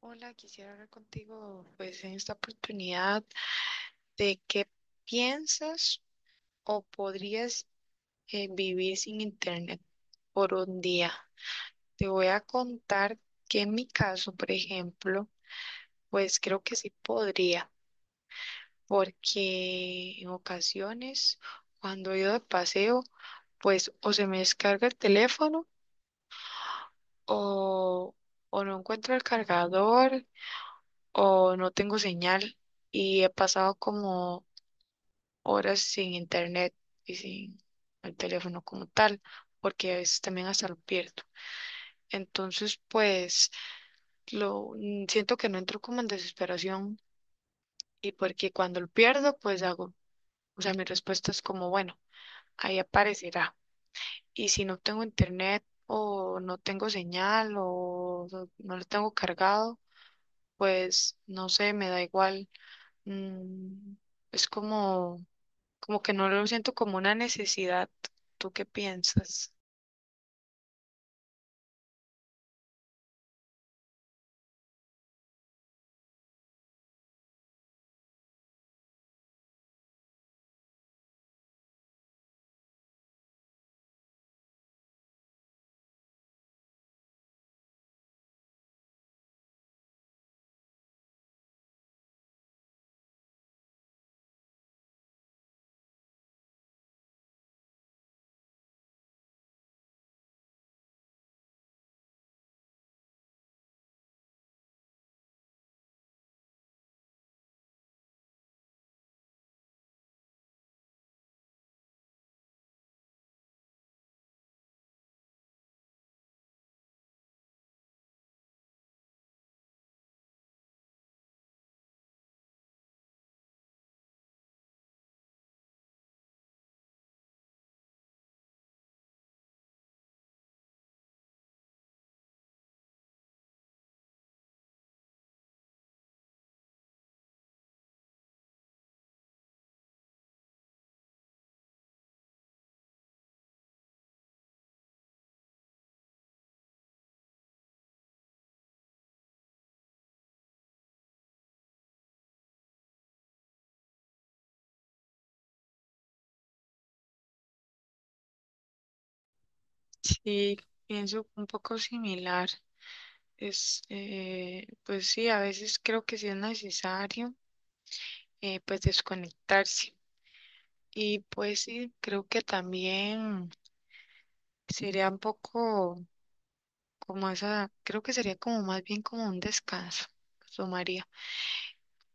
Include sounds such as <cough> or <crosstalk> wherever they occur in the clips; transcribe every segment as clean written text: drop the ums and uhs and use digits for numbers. Hola, quisiera hablar contigo pues en esta oportunidad de qué piensas o podrías vivir sin internet por un día. Te voy a contar que en mi caso, por ejemplo, pues creo que sí podría, porque en ocasiones cuando he ido de paseo, pues o se me descarga el teléfono o, o no encuentro el cargador o no tengo señal y he pasado como horas sin internet y sin el teléfono como tal, porque a veces también hasta lo pierdo. Entonces, pues, siento que no entro como en desesperación y porque cuando lo pierdo, pues hago, o sea, mi respuesta es como, bueno, ahí aparecerá. Y si no tengo internet o no tengo señal o no lo tengo cargado, pues, no sé, me da igual. Mm, es como como que no lo siento como una necesidad. ¿Tú qué piensas? Sí, pienso un poco similar. Es, pues sí, a veces creo que sí es necesario, pues desconectarse. Y pues sí, creo que también sería un poco como esa, creo que sería como más bien como un descanso, tomaría.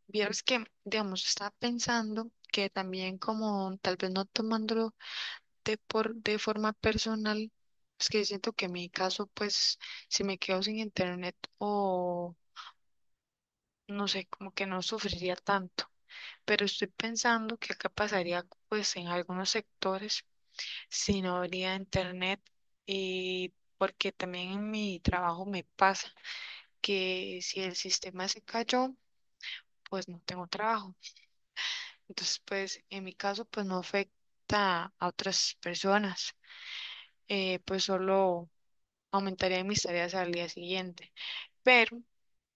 Vieras que, digamos, estaba pensando que también como tal vez no tomándolo de forma personal, es que siento que en mi caso, pues, si me quedo sin internet o no sé, como que no sufriría tanto. Pero estoy pensando que acá pasaría, pues, en algunos sectores si no habría internet y porque también en mi trabajo me pasa que si el sistema se cayó, pues no tengo trabajo. Entonces, pues, en mi caso, pues no afecta a otras personas. Pues solo aumentaría mis tareas al día siguiente. Pero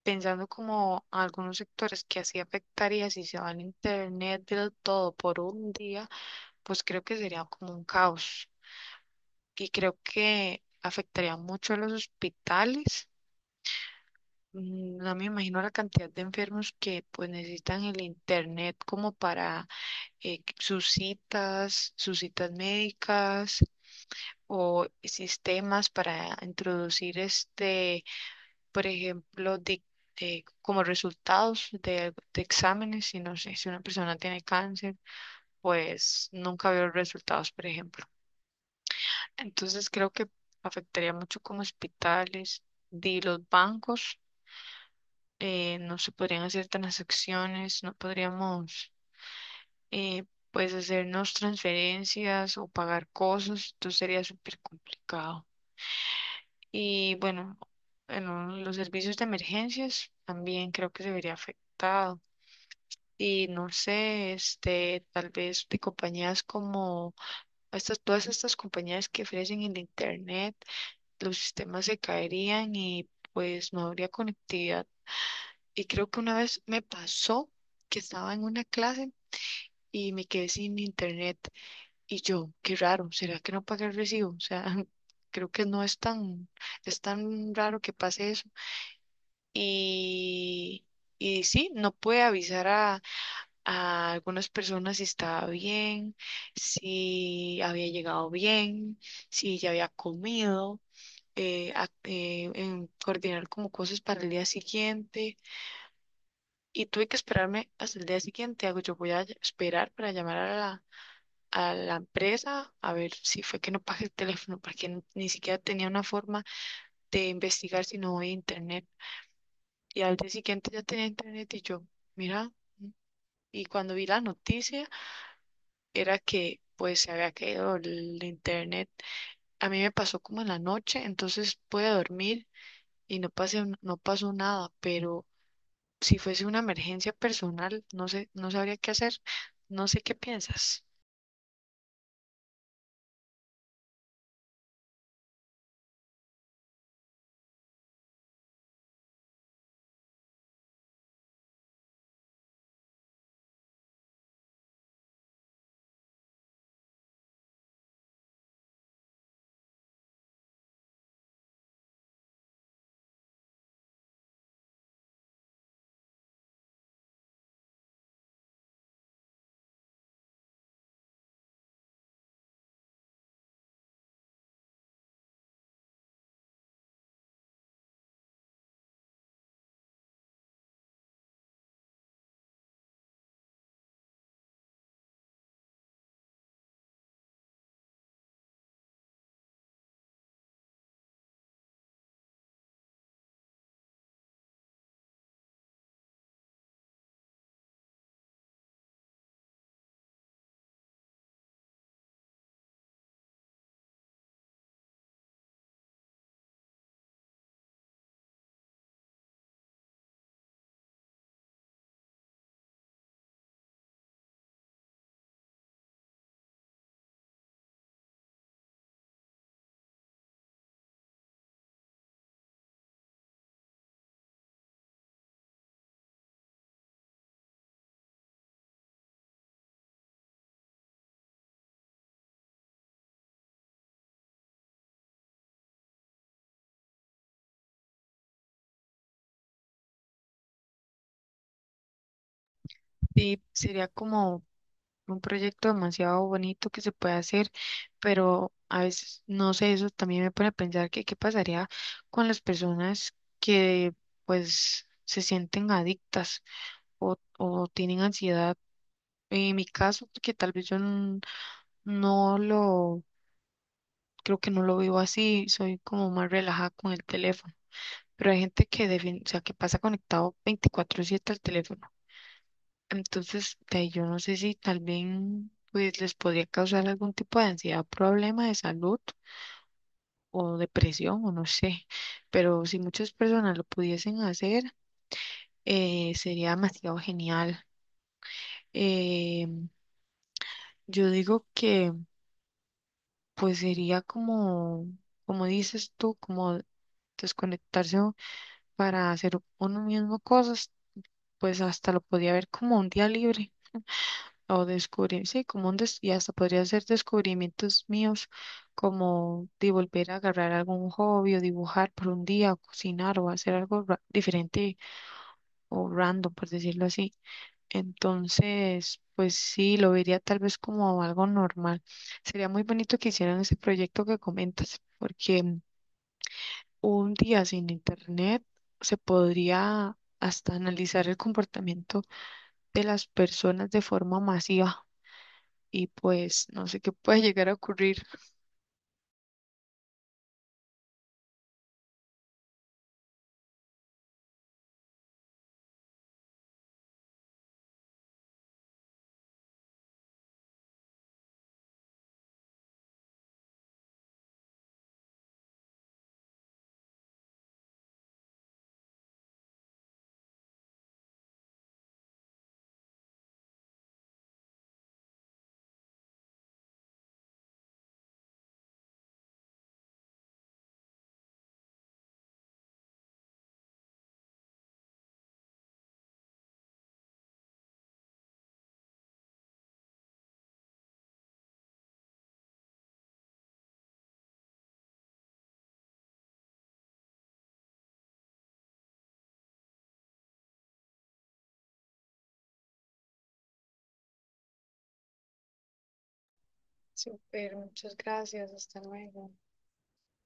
pensando como algunos sectores que así afectaría si se va el internet del todo por un día, pues creo que sería como un caos y creo que afectaría mucho a los hospitales. No me imagino la cantidad de enfermos que pues necesitan el internet como para sus citas médicas o sistemas para introducir este por ejemplo, como resultados de exámenes, y no sé, si una persona tiene cáncer, pues nunca veo resultados, por ejemplo. Entonces creo que afectaría mucho como hospitales, de los bancos, no se podrían hacer transacciones, no podríamos, eh, pues, hacernos transferencias o pagar cosas, entonces sería súper complicado. Y bueno, en los servicios de emergencias también creo que se vería afectado. Y no sé, este, tal vez de compañías como estas, todas estas compañías que ofrecen el internet, los sistemas se caerían y pues no habría conectividad. Y creo que una vez me pasó que estaba en una clase y me quedé sin internet. Y yo, qué raro, ¿será que no pagué el recibo? O sea, <laughs> creo que no es tan, es tan raro que pase eso. Y, y sí, no puede avisar a algunas personas si estaba bien, si había llegado bien, si ya había comido, en coordinar como cosas para el día siguiente. Y tuve que esperarme hasta el día siguiente. Hago, yo voy a esperar para llamar a a la empresa a ver si fue que no pagué el teléfono, porque ni siquiera tenía una forma de investigar si no había internet. Y al día siguiente ya tenía internet y yo, mira. Y cuando vi la noticia, era que pues se había caído el internet. A mí me pasó como en la noche, entonces pude dormir y no pasó nada, pero si fuese una emergencia personal, no sé, no sabría qué hacer, no sé qué piensas. Sí, sería como un proyecto demasiado bonito que se puede hacer, pero a veces, no sé, eso también me pone a pensar que qué pasaría con las personas que pues se sienten adictas o tienen ansiedad. En mi caso, porque tal vez yo n- no lo, creo que no lo vivo así, soy como más relajada con el teléfono, pero hay gente que, o sea, que pasa conectado 24/7 al teléfono. Entonces, de ahí yo no sé si tal vez pues, les podría causar algún tipo de ansiedad, problema de salud o depresión o no sé, pero si muchas personas lo pudiesen hacer, sería demasiado genial. Eh, yo digo que pues sería como, como dices tú, como desconectarse u- para hacer uno mismo cosas, pues hasta lo podía ver como un día libre o descubrir, sí, y hasta podría ser descubrimientos míos, como de volver a agarrar algún hobby o dibujar por un día, o cocinar o hacer algo diferente o random, por decirlo así. Entonces, pues sí, lo vería tal vez como algo normal. Sería muy bonito que hicieran ese proyecto que comentas, porque un día sin internet se podría hasta analizar el comportamiento de las personas de forma masiva y pues no sé qué puede llegar a ocurrir. Súper, muchas gracias, hasta luego.